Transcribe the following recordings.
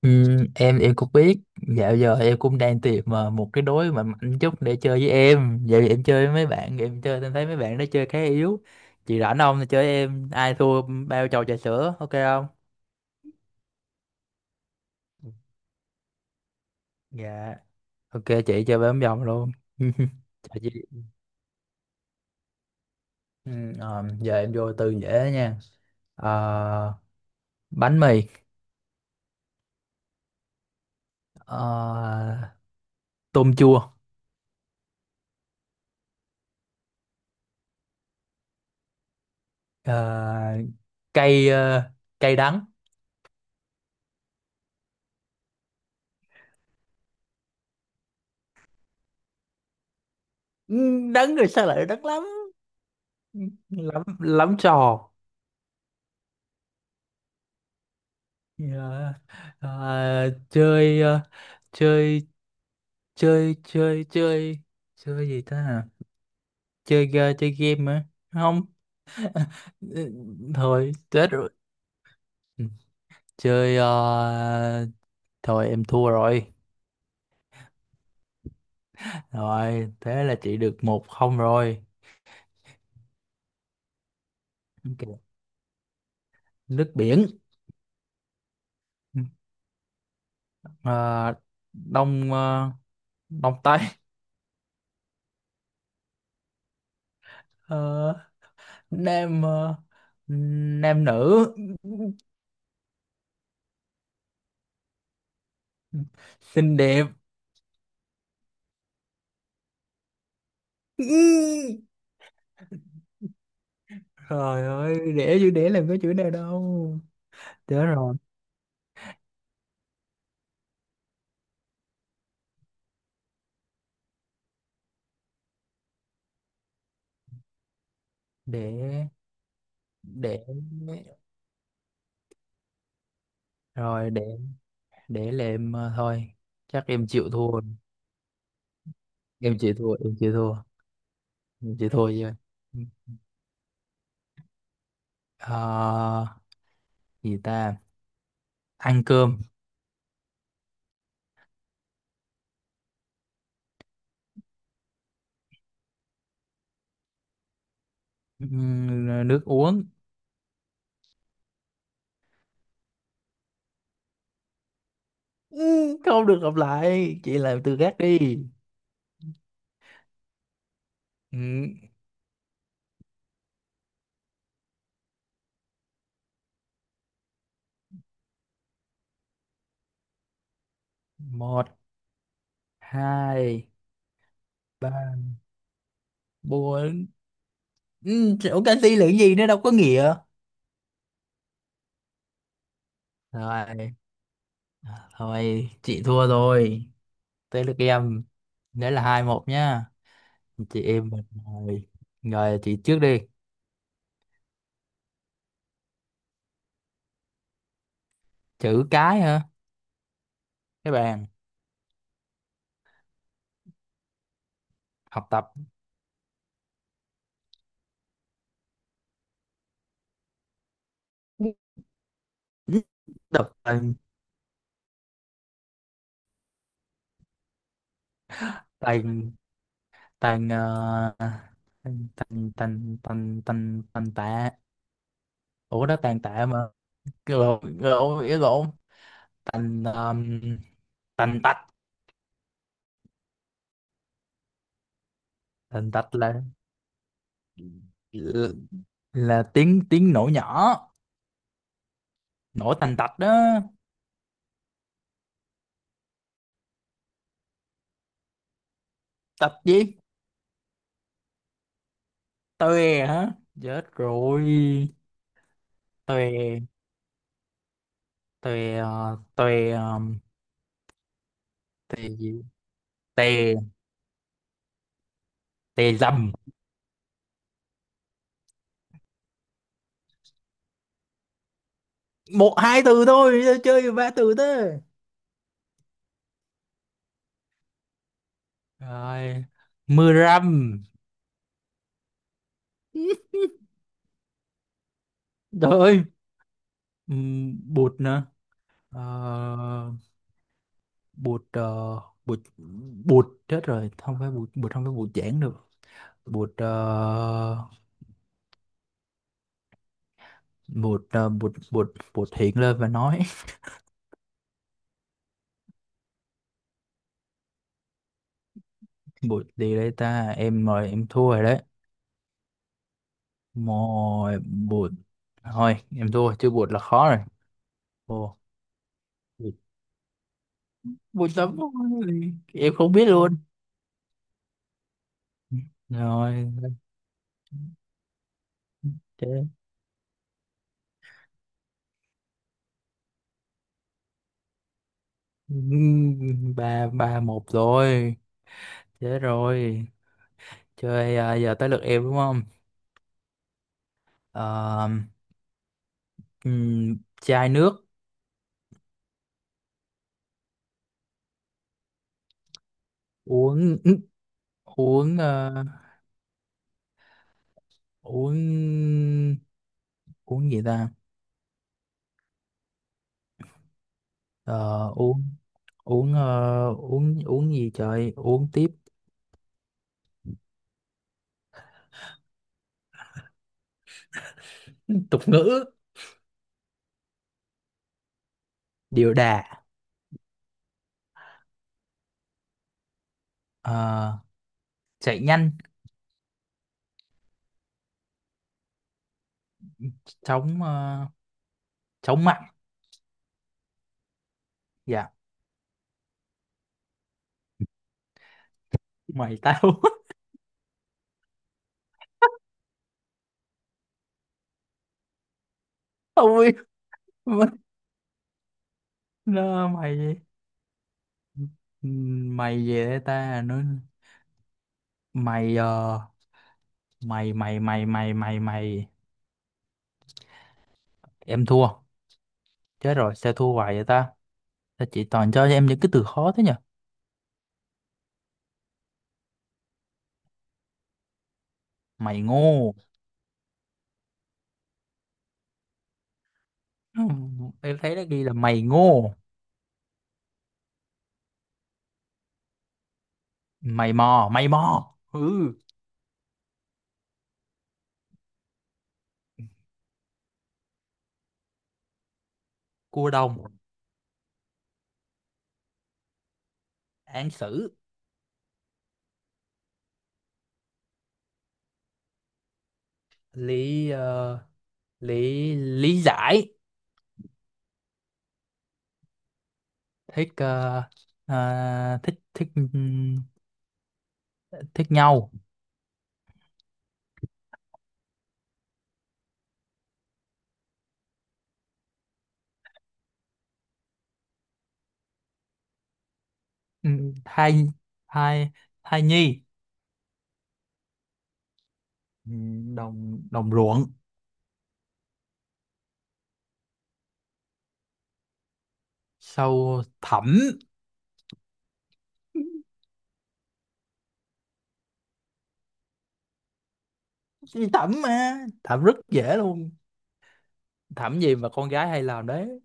Ừ. Em cũng biết, dạo giờ em cũng đang tìm mà một cái đối mà mạnh chút để chơi với em. Dạo giờ em chơi với mấy bạn em chơi, em thấy mấy bạn nó chơi khá yếu. Chị rảnh không thì chơi với em, ai thua bao chầu trà sữa, ok không? Dạ, ok, chị chơi bấm vòng luôn. Chào chị. ừ, Giờ em vô từ dễ nha. Ờ, Bánh mì. ờ, Tôm chua. ờ, cây ờ, Cây đắng. Ừ, đắng rồi sao lại đắng lắm, lắm lắm trò. Ờ, ờ, chơi ờ, chơi chơi chơi chơi Chơi gì ta hả? Chơi game á. Không. ừ, Thôi chết rồi. Ừ, chơi ờ, thôi em thua rồi. Rồi thế là chị được 1-0 rồi. Ok. Nước biển. Ừ. ờ, đông ờ, Đông tây. Ờ, nam ờ, Nam nữ. Xinh đẹp. Ừ. Trời ơi, đẻ chữ đẻ làm có chữ nào đâu. Thế rồi, để để rồi để để là em thôi. Chắc em chịu thua. Em chịu thua, em chịu thua. Em chịu thua chứ. Ờ, Gì ta? Ăn cơm. Ờ, Nước uống. Ừ, không được lặp lại, chị làm từ khác đi. Ừ, một, hai, ba, bốn. Ừ, chỗ canxi là cái gì nó đâu có nghĩa. Rồi, thôi chị thua rồi. Tới lượt em, đấy là 2-1 nhá. Chị em mình rồi. Rồi chị trước đi. Chữ cái hả? Các bạn. Học tập. Tập tành. Tành tành tành tành tành tành tành tành tạ. Ủa đó tàn tạ mà. Cái lộn, ý lộn. Tành, tành tạch. Tành tạch là, tiếng tiếng nổ nhỏ, nổ tành tạch đó. Tạch gì? Toe hả? Chết rồi. Toe. tôi ờ, tôi ờ, Tề gì? Tề Tề dầm. Một, hai từ thôi sao chơi ba từ thế? Rồi, mưa rằm. Trời ơi. Bụt nữa. Ờ, bụt Bụt chết rồi, không phải bụt. Không phải bụt giảng được. bụt ờ, bụt bụt Bụt hiện lên và nói. Bụt gì đây ta, em mời, em thua rồi đấy. Mồi bụt, thôi em thua chứ bụt là khó rồi. Ồ. Buổi sớm, em không biết luôn. Rồi chết, ba ba một rồi, chết rồi. Chơi à, giờ tới lượt em đúng không? Ờ, Chai nước. Uống. uống ờ, uống Uống gì ta? Ờ, uống uống ờ, uống Uống gì trời, uống tiếp. Tục ngữ. Điều đà. Ờ, Chạy nhanh. chóng ờ, Chóng mặt. Dạ. Mày tao. Ôi mất, nó mày vậy. Mày về đây ta nói. mày ờ, mày mày mày mày mày Mày. Em thua, chết rồi, sao thua hoài vậy ta? Sao chị toàn cho em những cái từ khó thế nhỉ? Mày ngô. Ừ, em thấy nó ghi là mày ngô. Mày mò, ừ. Cua đồng. Án xử. lý ờ, Lý giải. thích ờ, thích Thích, thích nhau. Ừ, thai thai Thai nhi. Ừ, đồng đồng ruộng. Sau thẩm. Cái thẩm mà, thẩm rất dễ luôn. Thẩm gì mà con gái hay làm đấy.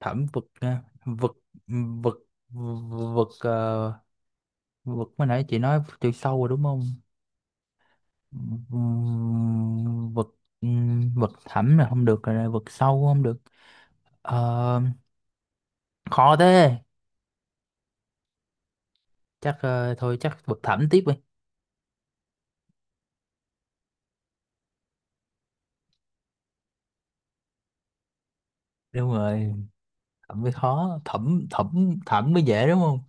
Thẩm vực à, vực vực vực ờ, vực, mới nãy chị nói chiều sâu rồi đúng không? Vực, vực thẩm là không được rồi, vực sâu không được. Ờ, Khó thế. Thôi chắc vực thẩm tiếp đi. Đúng rồi, thẩm mới khó, thẩm thẩm thẩm mới dễ đúng không?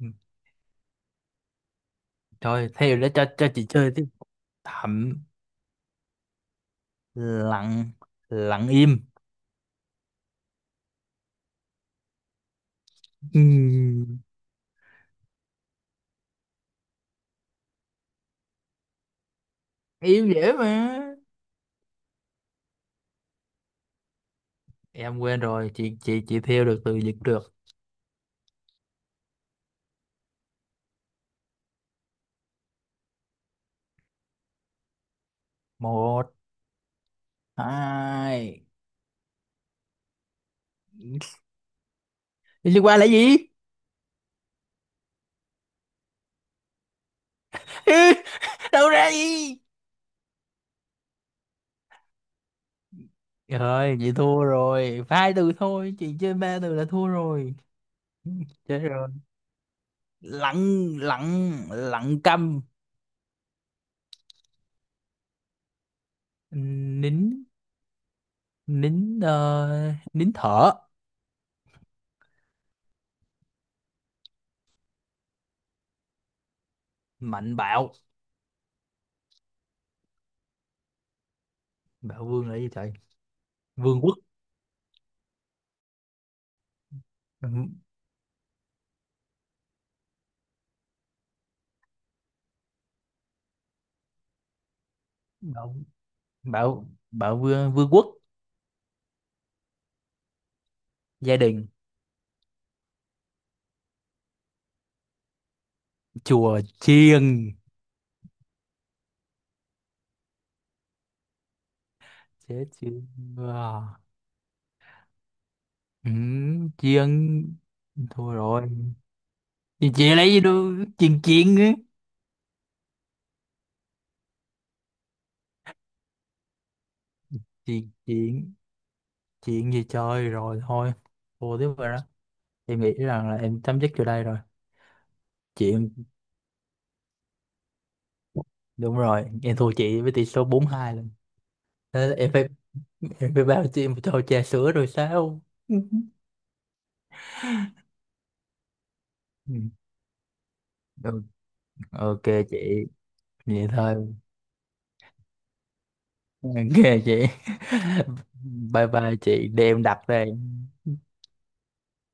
Ừ. Thôi theo để cho chị chơi tiếp. Thẩm lặng. Lặng im. Ừ. Im dễ mà. Em quên rồi, chị theo được từ dịch được. Một, hai. Đi liên quan là gì? Ê, đâu ra gì. Rồi chị thua rồi, hai từ thôi chị chơi ba từ là thua rồi. Chết rồi. Lặng lặng Lặng câm. Nín. Nín thở. Mạnh bạo. Bạo vương là gì trời. Vương quốc. Ừm, bạo bạo Bạo vương, vương quốc. Gia đình. Chùa chiêng. Chết chưa? Chiêng. Thôi rồi, chị lấy gì đâu. Chuyện, chuyện á, chuyện chuyện chuyện gì, chơi rồi thôi. Thua tiếp rồi đó. Em nghĩ rằng là em chấm dứt chỗ đây rồi. Chuyện. Đúng rồi, em thua chị với tỷ số 4-2 lần. Thế là em phải... Rồi bao chị một tô trà sữa rồi sao? Ừ. Ừ. Ừ, ok chị, vậy thôi. Ok chị. Bye bye chị, để em đặt đây.